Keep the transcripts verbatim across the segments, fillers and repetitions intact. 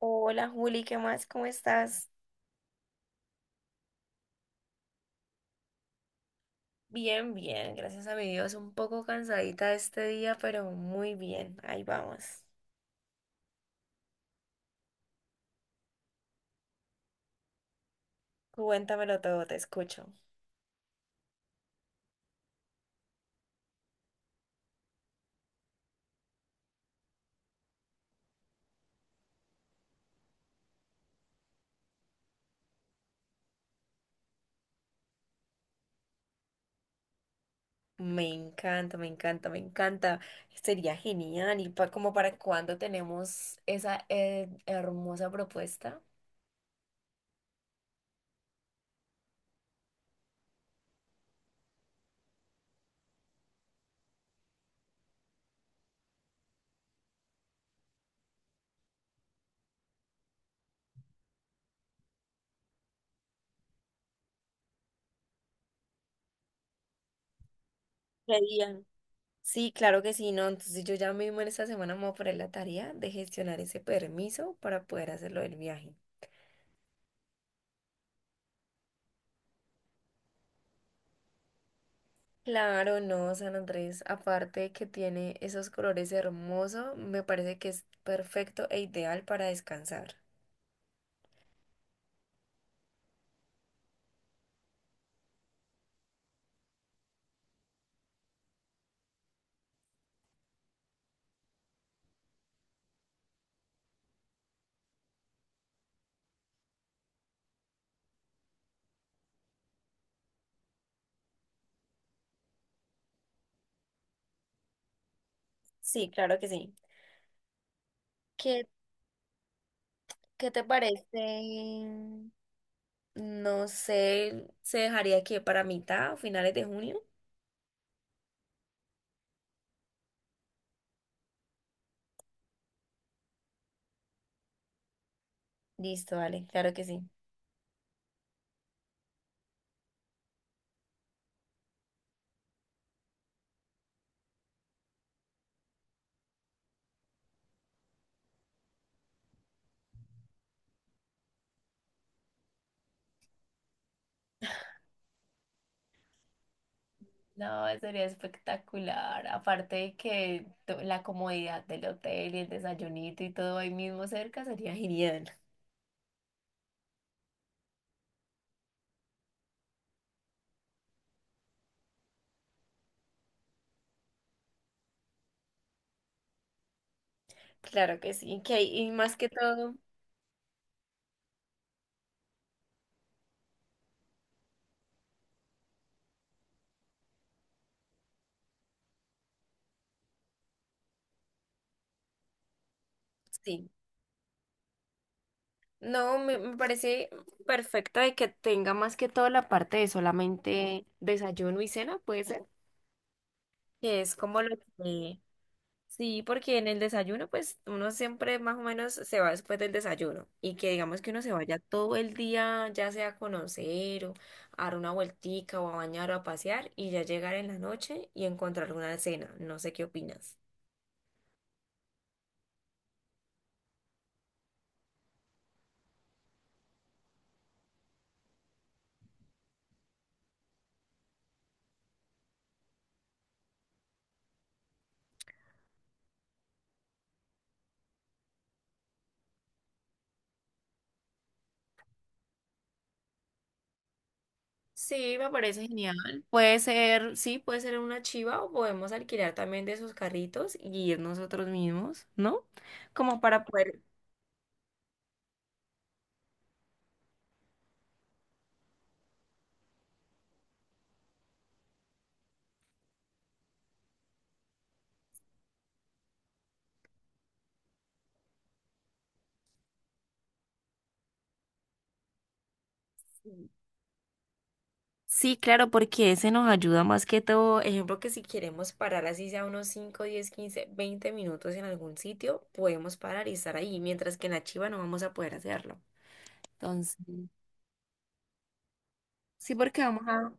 Hola Juli, ¿qué más? ¿Cómo estás? Bien, bien, gracias a mi Dios. Un poco cansadita este día, pero muy bien. Ahí vamos. Cuéntamelo todo, te escucho. Me encanta, me encanta, me encanta. Sería genial. ¿Y pa- como para cuándo tenemos esa eh, hermosa propuesta? ¿Qué día? Sí, claro que sí, ¿no? Entonces yo ya mismo en esta semana me voy a poner la tarea de gestionar ese permiso para poder hacerlo del viaje. Claro, no, San Andrés, aparte de que tiene esos colores hermosos, me parece que es perfecto e ideal para descansar. Sí, claro que sí. ¿Qué, qué te parece? No sé, ¿se dejaría aquí para mitad o finales de junio? Listo, dale, claro que sí. No, sería espectacular. Aparte de que to- la comodidad del hotel y el desayunito y todo ahí mismo cerca sería genial. Claro que sí, que y más que todo, sí. No, me, me parece perfecta de que tenga más que todo la parte de solamente desayuno y cena, puede ser, que es como lo que... Sí, porque en el desayuno, pues uno siempre más o menos se va después del desayuno y que digamos que uno se vaya todo el día, ya sea a conocer o a dar una vueltica o a bañar o a pasear y ya llegar en la noche y encontrar una cena. No sé qué opinas. Sí, me parece genial. Puede ser, sí, puede ser una chiva o podemos alquilar también de esos carritos y ir nosotros mismos, ¿no? Como para poder... Sí, claro, porque ese nos ayuda más que todo. Ejemplo, que si queremos parar así sea unos cinco, diez, quince, veinte minutos en algún sitio, podemos parar y estar ahí, mientras que en la chiva no vamos a poder hacerlo. Entonces, sí, porque vamos a...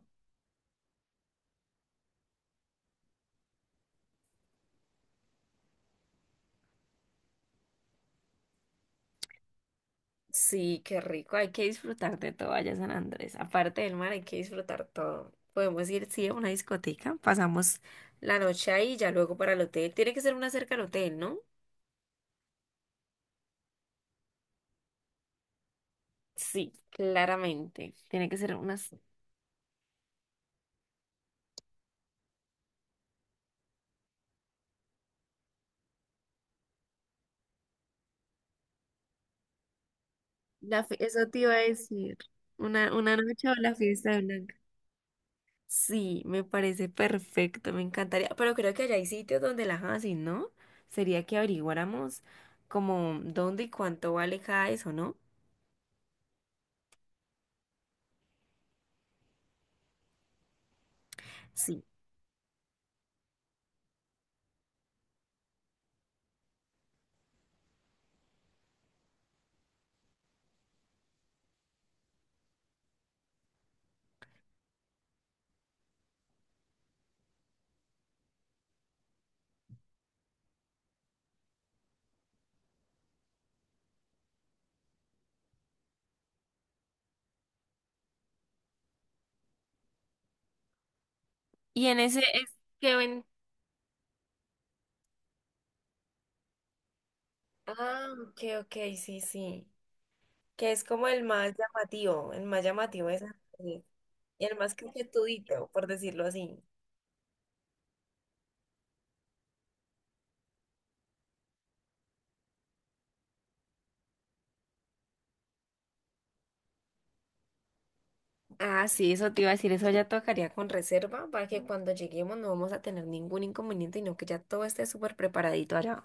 Sí, qué rico. Hay que disfrutar de todo allá en San Andrés. Aparte del mar, hay que disfrutar todo. Podemos ir, sí, a una discoteca. Pasamos la noche ahí y ya luego para el hotel. Tiene que ser una cerca al hotel, ¿no? Sí, claramente. Tiene que ser unas... La fie- Eso te iba a decir. Una, una noche o la fiesta de Blanca. Sí, me parece perfecto. Me encantaría. Pero creo que allá hay sitios donde las hacen, ¿no? Sería que averiguáramos como dónde y cuánto vale cada eso, ¿no? Y en ese es que ven. Ah, ok, ok, sí, sí. Que es como el más llamativo, el más llamativo es así, y el más coquetudito, por decirlo así. Ah, sí, eso te iba a decir, eso ya tocaría con reserva para que cuando lleguemos no vamos a tener ningún inconveniente, no que ya todo esté súper preparadito allá.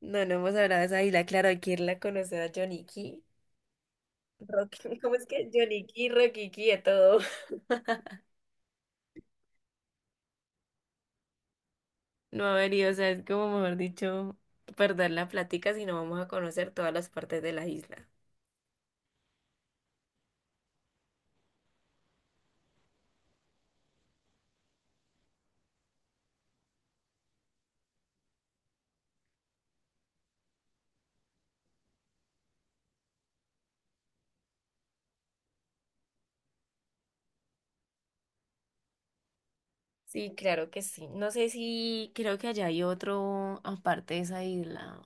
No, no hemos hablado de esa isla, claro, hay que irla a conocer a Johnny Key, Rocky, ¿cómo es que? Johnny Key, Rocky Key, a todo. No, a ver, y, o sea, es como mejor dicho, perder la plática si no vamos a conocer todas las partes de la isla. Sí, claro que sí. No sé si creo que allá hay otro aparte de esa isla.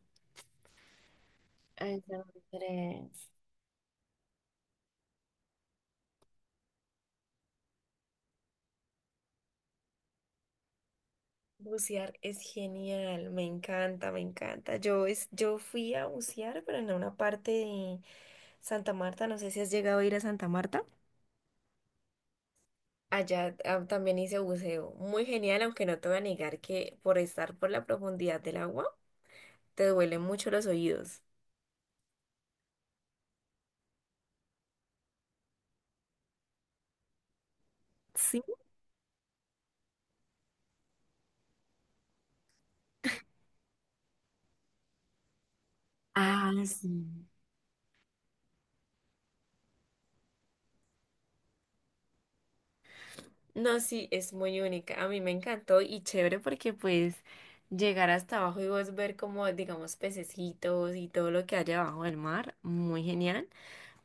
Entonces, bucear es genial, me encanta, me encanta. Yo es, yo fui a bucear, pero en una parte de Santa Marta. No sé si has llegado a ir a Santa Marta. Allá ah, también hice buceo. Muy genial, aunque no te voy a negar que por estar por la profundidad del agua, te duelen mucho los oídos. Sí. Ah, sí. No, sí, es muy única. A mí me encantó y chévere porque pues llegar hasta abajo y vos ver como, digamos, pececitos y todo lo que hay abajo del mar, muy genial.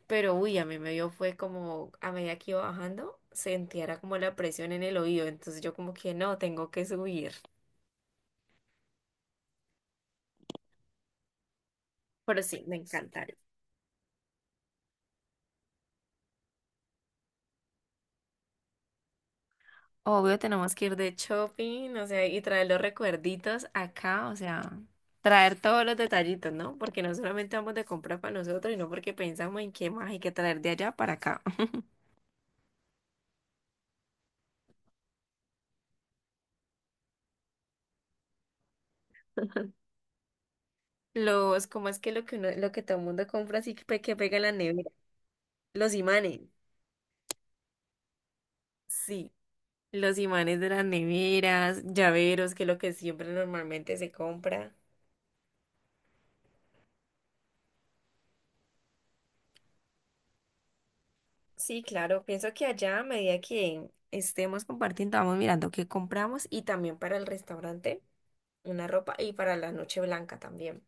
Pero uy, a mí me dio fue como a medida que iba bajando, sentía era como la presión en el oído, entonces yo como que no, tengo que subir. Pero sí, me encanta. Obvio, tenemos que ir de shopping, o sea, y traer los recuerditos acá, o sea, traer todos los detallitos, ¿no? Porque no solamente vamos de compra para nosotros, sino porque pensamos en qué más hay que traer de allá para acá. Los, ¿cómo es que lo que uno, lo que todo el mundo compra así que, pe- que pega en la nevera? Los imanes. Sí, los imanes de las neveras, llaveros, que es lo que siempre normalmente se compra. Sí, claro, pienso que allá a medida que estemos compartiendo, vamos mirando qué compramos y también para el restaurante. Una ropa y para la noche blanca también.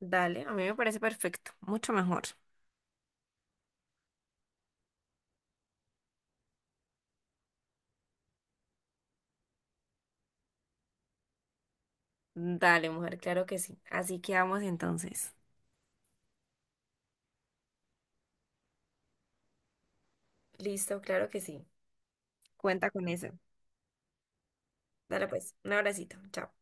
Dale, a mí me parece perfecto, mucho mejor. Dale, mujer, claro que sí. Así quedamos entonces. Listo, claro que sí. Cuenta con eso. Dale pues, un abracito. Chao.